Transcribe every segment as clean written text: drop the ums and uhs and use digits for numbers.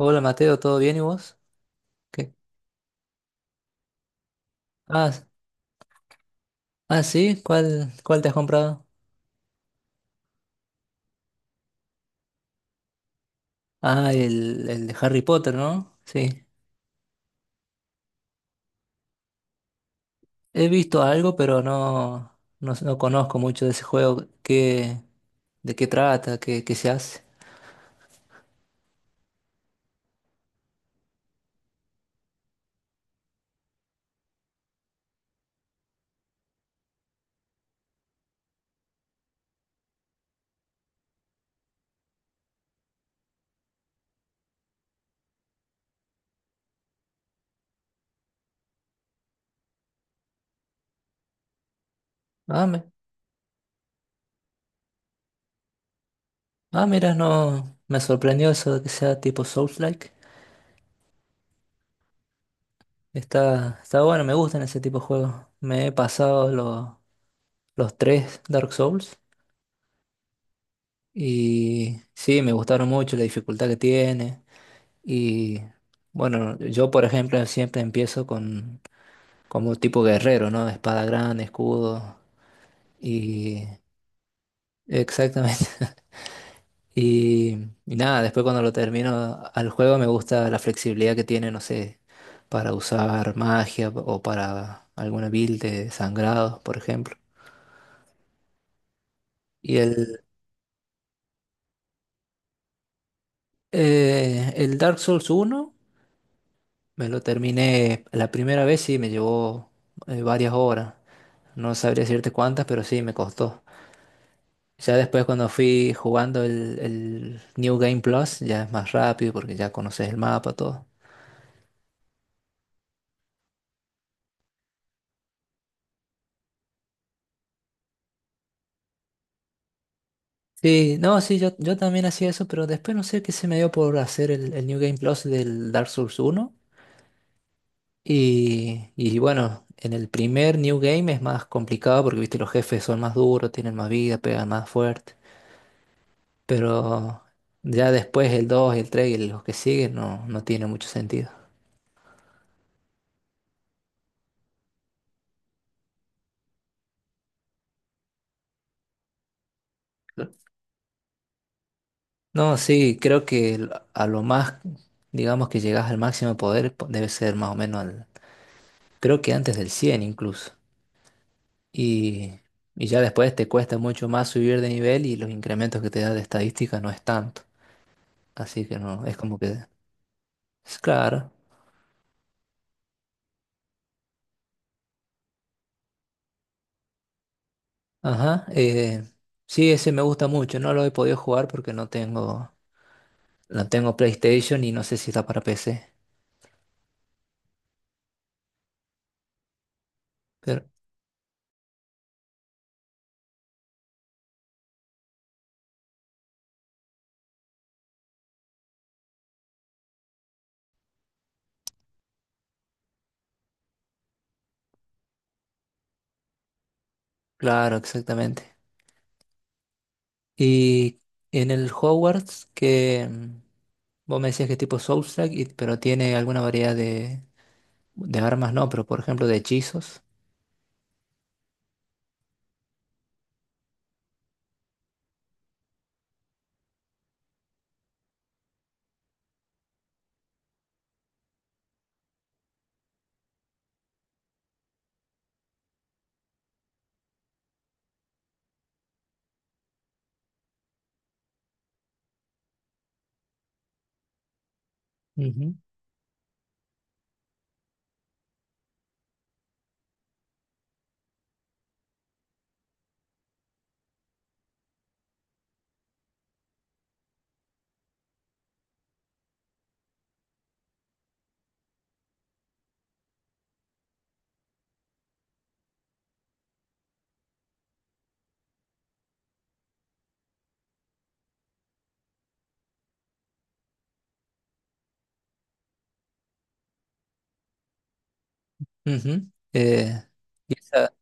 Hola Mateo, ¿todo bien y vos? ¿Qué? Ah, s- ah, sí, ¿cuál te has comprado? Ah, el de Harry Potter, ¿no? Sí. He visto algo, pero no conozco mucho de ese juego. ¿Qué, de qué trata? ¿Qué, qué se hace? Ah, me- ah, mira, no, me sorprendió eso de que sea tipo Souls-like. Está bueno, me gustan ese tipo de juegos. Me he pasado lo- Los tres Dark Souls y sí, me gustaron mucho la dificultad que tiene. Y bueno, yo por ejemplo siempre empiezo con como tipo guerrero, ¿no? Espada grande, escudo y exactamente. Y, y nada, después cuando lo termino al juego me gusta la flexibilidad que tiene, no sé, para usar magia o para alguna build de sangrados, por ejemplo. Y el, el Dark Souls uno me lo terminé la primera vez, sí, me llevó varias horas. No sabría decirte cuántas, pero sí, me costó. Ya después cuando fui jugando el New Game Plus, ya es más rápido porque ya conoces el mapa, todo. Sí, no, sí, yo también hacía eso, pero después no sé qué se me dio por hacer el New Game Plus del Dark Souls uno. Y bueno, en el primer New Game es más complicado porque, viste, los jefes son más duros, tienen más vida, pegan más fuerte. Pero ya después el 2 el 3 y los que siguen no, no tiene mucho sentido. No, sí, a lo más, digamos que llegas al máximo poder, debe ser más o menos al, creo que antes del 100 incluso. Y, y ya después te cuesta mucho más subir de nivel y los incrementos que te da de estadística no es tanto. Así que no, es como que, es claro. Ajá. Sí, ese me gusta mucho. No lo he podido jugar porque no tengo, No tengo PlayStation y no sé si está para PC. Pero, claro, exactamente. Y en el Hogwarts que... Vos me decías que es tipo Soulstrike, pero tiene alguna variedad de armas, no, pero por ejemplo de hechizos. Ujú, ujú. Y esa-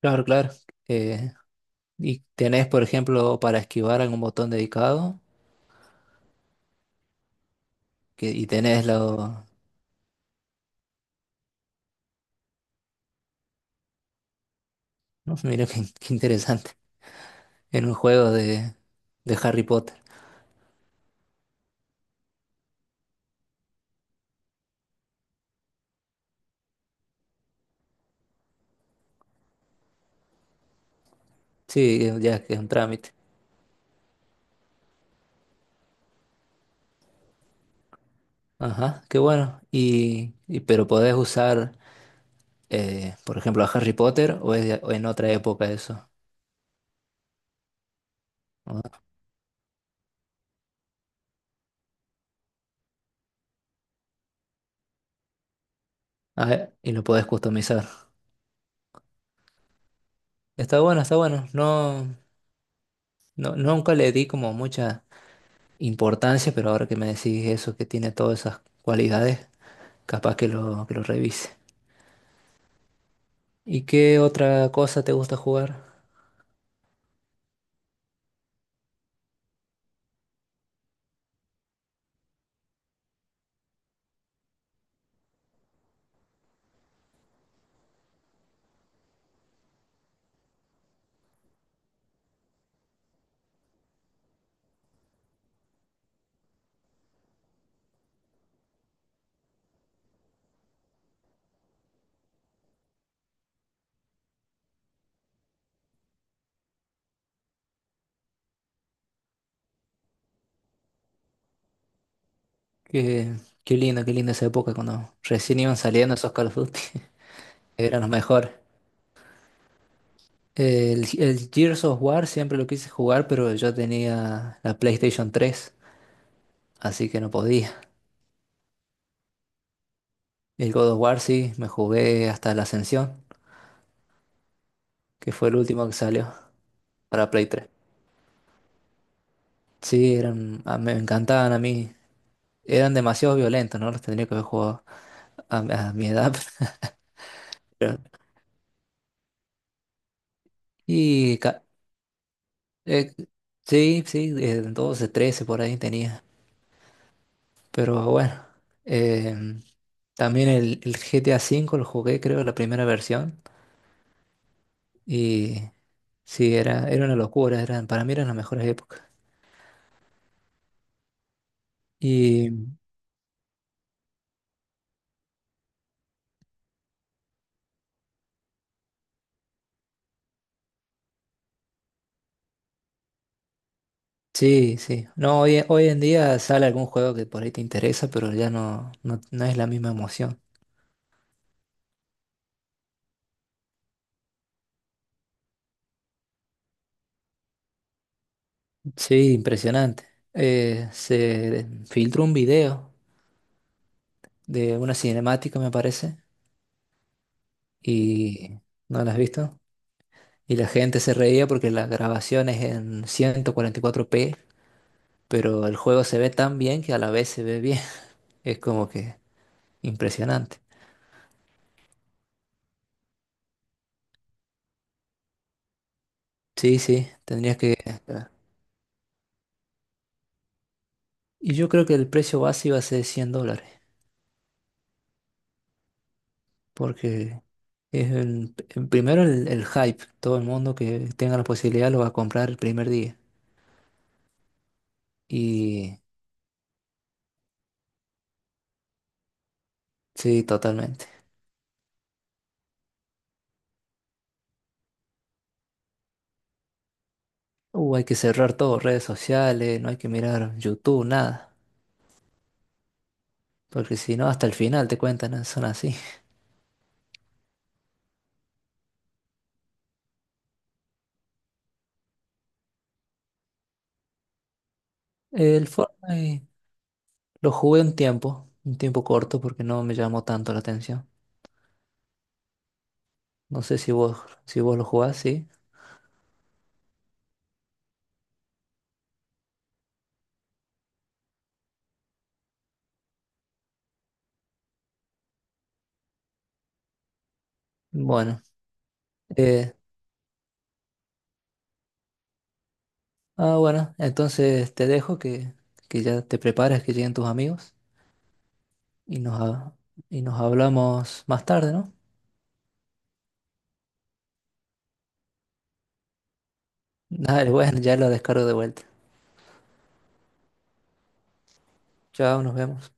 claro, claro. eh, y tenés, por ejemplo, para esquivar algún botón dedicado, que, y tenés lo... No, mira qué, qué interesante. En un juego de Harry Potter. Sí, ya que es un trámite. Ajá, qué bueno. Pero podés usar, por ejemplo, a Harry Potter o en otra época eso. A ver, y lo podés customizar. Está bueno. No, no, nunca le di como mucha importancia, pero ahora que me decís eso, que tiene todas esas cualidades, capaz que lo revise. ¿Y qué otra cosa te gusta jugar? Qué, qué linda esa época cuando recién iban saliendo esos Call of Duty. Eran los mejores. El Gears of War siempre lo quise jugar, pero yo tenía la PlayStation 3 así que no podía. El God of War sí, me jugué hasta la Ascensión, que fue el último que salió. Para Play 3. Sí, me encantaban a mí. Eran demasiado violentos, ¿no? Los tendría que haber jugado a, a mi edad. pero- Y ca- eh, sí, sí, 12, 13 por ahí tenía. Pero bueno, em, también el GTA V lo jugué, creo, la primera versión. Y sí, era una locura, para mí eran las mejores épocas. Y sí, sí. No, hoy en día sale algún juego que por ahí te interesa, pero ya no es la misma emoción. Sí, impresionante. Se filtró un video de una cinemática, me parece, y no la has visto. Y la gente se reía porque la grabación es en 144p, pero el juego se ve tan bien que a la vez se ve bien. Es como que impresionante. Sí, sí, tendrías que... Y yo creo que el precio base iba a ser 100 dólares, porque es el primero, el hype. Todo el mundo que tenga la posibilidad lo va a comprar el primer día. Y... Sí, totalmente. Hay que cerrar todo, redes sociales, no hay que mirar YouTube, nada. Porque si no, hasta el final te cuentan, ¿no? Son así. El Fortnite lo jugué un tiempo corto, porque no me llamó tanto la atención. No sé si vos, si vos lo jugás, sí. Bueno, eh, bueno, entonces te dejo que ya te prepares, que lleguen tus amigos y nos, ha- y nos hablamos más tarde, ¿no? Dale, bueno, ya lo descargo de vuelta. Chao, nos vemos.